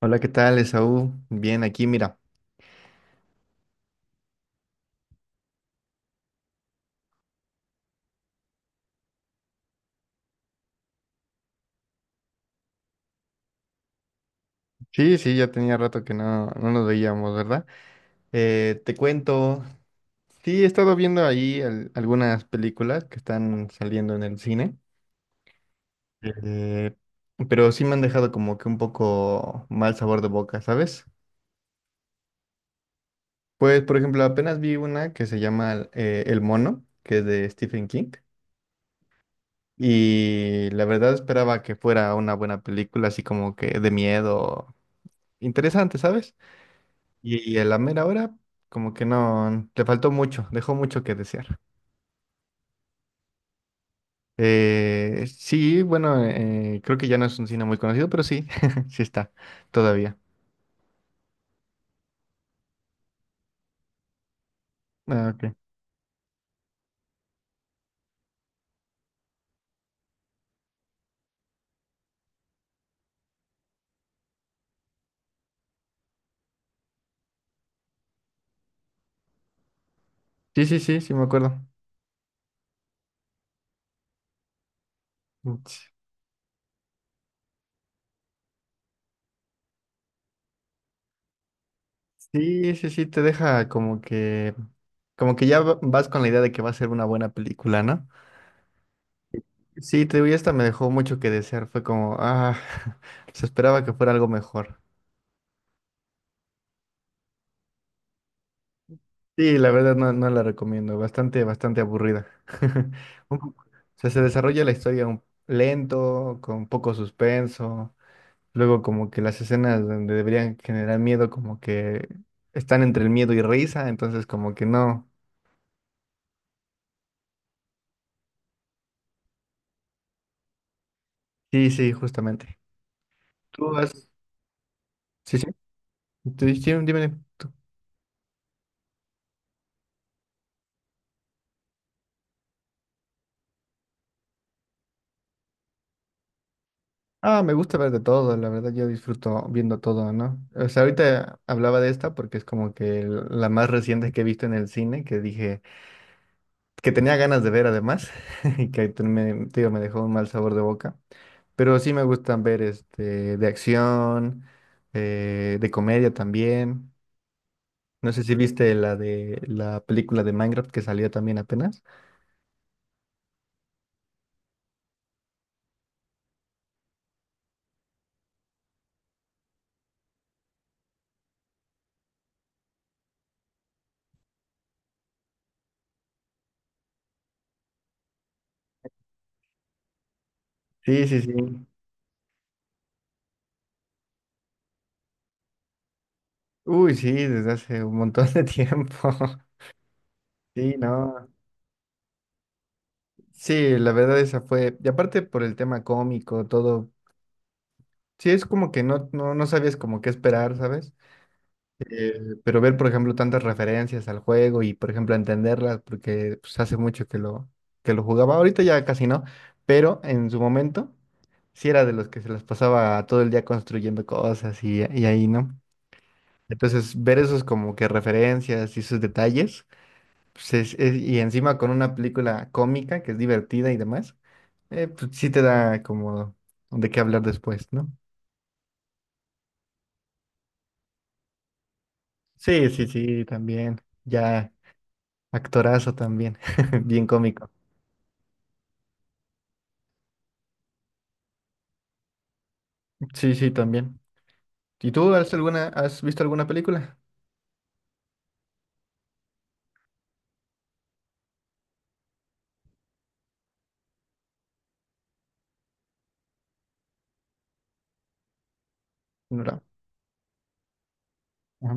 Hola, ¿qué tal, Esaú? Bien, aquí, mira. Sí, sí, ya tenía rato que no nos veíamos, ¿verdad? Te cuento, sí, he estado viendo ahí algunas películas que están saliendo en el cine, eh, pero sí me han dejado como que un poco mal sabor de boca, ¿sabes? Pues, por ejemplo, apenas vi una que se llama El Mono, que es de Stephen King, y la verdad esperaba que fuera una buena película, así como que de miedo, interesante, ¿sabes? Y a la mera hora, como que no, le faltó mucho, dejó mucho que desear. Sí, bueno, creo que ya no es un cine muy conocido, pero sí, sí está, todavía. Ah, ok. Sí, sí, sí, sí me acuerdo. Sí, sí, sí, te deja como que ya vas con la idea de que va a ser una buena película, ¿no? Sí, te digo, y esta me dejó mucho que desear, fue como, ah, se esperaba que fuera algo mejor. Sí, la verdad no, no la recomiendo, bastante, bastante aburrida. Un poco- O sea, se desarrolla la historia lento, con poco suspenso, luego como que las escenas donde deberían generar miedo como que están entre el miedo y risa, entonces como que no. Sí, sí, justamente. Tú has... Sí, sí. Sí, dime tú. Ah, me gusta ver de todo, la verdad yo disfruto viendo todo, ¿no? O sea, ahorita hablaba de esta porque es como que la más reciente que he visto en el cine, que dije... que tenía ganas de ver además, y te digo, me dejó un mal sabor de boca. Pero sí me gustan ver este, de acción, de comedia también. No sé si viste la de la película de Minecraft que salió también apenas. Sí, sí, sí. Uy, sí, desde hace un montón de tiempo. Sí, no. Sí, la verdad esa fue. Y aparte por el tema cómico, todo. Sí, es como que no sabías como qué esperar, ¿sabes? Pero ver, por ejemplo, tantas referencias al juego y, por ejemplo, entenderlas, porque pues, hace mucho que que lo jugaba, ahorita ya casi no, pero en su momento sí era de los que se las pasaba todo el día construyendo cosas y ahí, ¿no? Entonces, ver esos como que referencias y esos detalles, pues, y encima con una película cómica que es divertida y demás, pues sí te da como de qué hablar después, ¿no? Sí, sí, sí, también, ya actorazo también, bien cómico. Sí, sí, también. ¿Y tú has alguna, has visto alguna película? No, no. Ajá.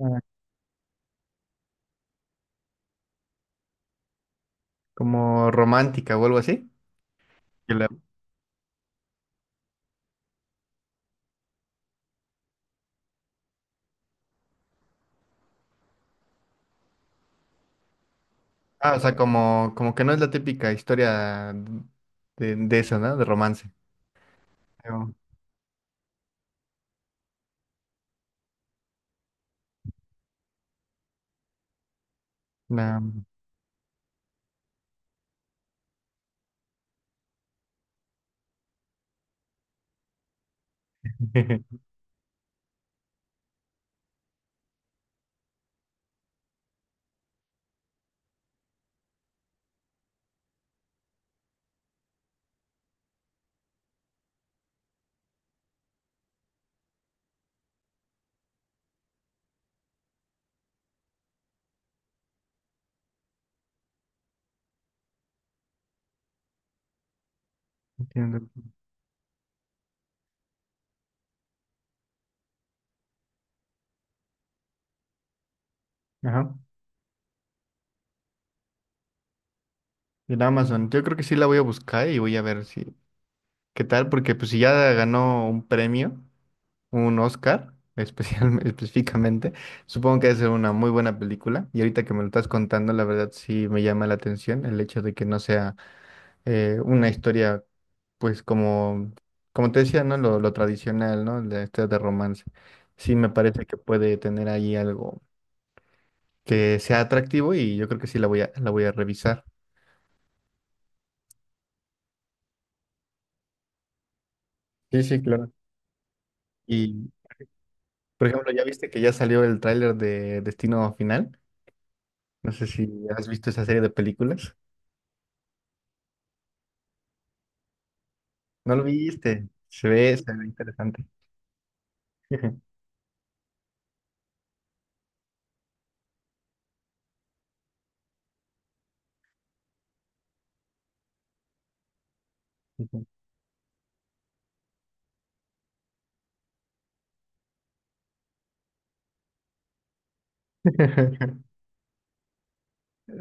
Ah, como romántica o algo así. Que la- Ah, o sea, como, como que no es la típica historia de esa, ¿no? De romance. Pero, la- Entiendo. Ajá. En Amazon. Yo creo que sí la voy a buscar y voy a ver si qué tal, porque pues si ya ganó un premio. Un Oscar, específicamente. Supongo que debe ser una muy buena película. Y ahorita que me lo estás contando, la verdad sí me llama la atención el hecho de que no sea una historia, pues como, como te decía, ¿no? Lo tradicional, ¿no? De este de romance. Sí me parece que puede tener ahí algo que sea atractivo y yo creo que sí la voy a revisar. Sí, sí, claro. Y, por ejemplo, ¿ya viste que ya salió el tráiler de Destino Final? No sé si has visto esa serie de películas. No lo viste. Se ve interesante.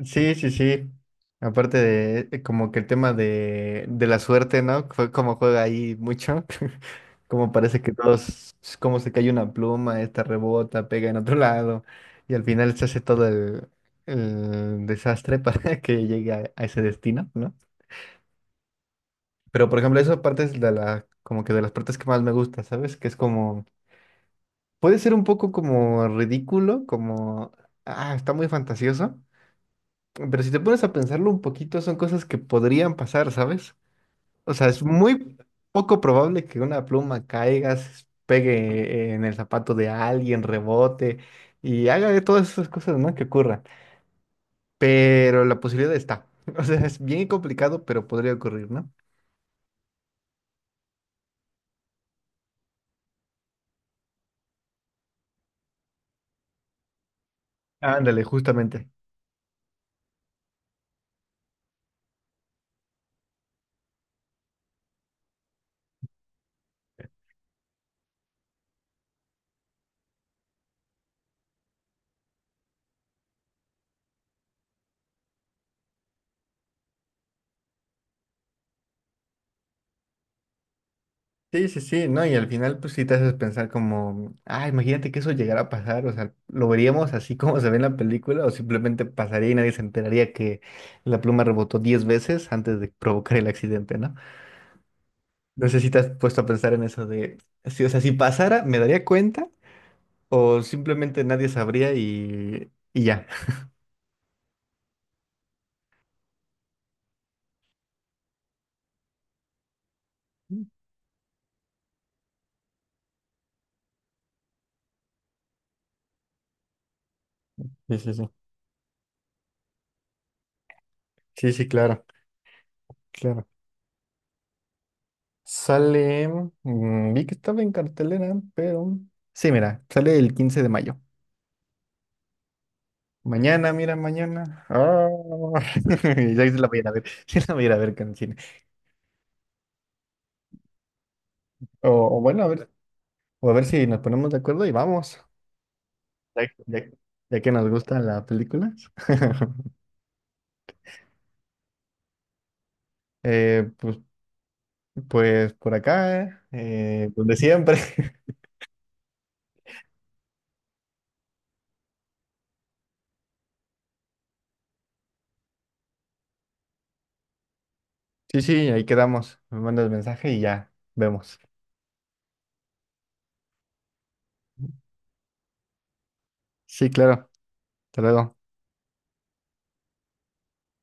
Sí, sí, sí. Aparte de como que el tema de la suerte, ¿no? Fue como juega ahí mucho. Como parece que todos, es como se cae una pluma, esta rebota, pega en otro lado. Y al final se hace todo el desastre para que llegue a ese destino, ¿no? Pero por ejemplo, esa parte es de la, como que de las partes que más me gusta, ¿sabes? Que es como puede ser un poco como ridículo, como, ah, está muy fantasioso, pero si te pones a pensarlo un poquito, son cosas que podrían pasar, ¿sabes? O sea, es muy poco probable que una pluma caiga, se pegue en el zapato de alguien, rebote y haga de todas esas cosas, ¿no? Que ocurran. Pero la posibilidad está. O sea, es bien complicado, pero podría ocurrir, ¿no? Ándale, justamente. Sí, sí, sí, no, y al final pues sí te haces pensar como, ah, imagínate que eso llegara a pasar, o sea, lo veríamos así como se ve en la película o simplemente pasaría y nadie se enteraría que la pluma rebotó 10 veces antes de provocar el accidente, ¿no? No sé si te has puesto a pensar en eso de, sí, o sea, si pasara, ¿me daría cuenta o simplemente nadie sabría y ya? Sí, sí, sí. Sí, sí, claro, claro. Sale, vi que estaba en cartelera, pero... Sí, mira, sale el 15 de mayo. Mañana, mira, mañana. Ah, ya se la voy a ir a ver. Sí la voy a ir a ver con cine. O, o bueno, a ver, o a ver si nos ponemos de acuerdo y vamos. Ya, ya- ya que nos gustan las películas. Eh, pues, pues por acá, donde siempre. Sí, sí, ahí quedamos. Me mandas mensaje y ya vemos. Sí, claro. Hasta luego.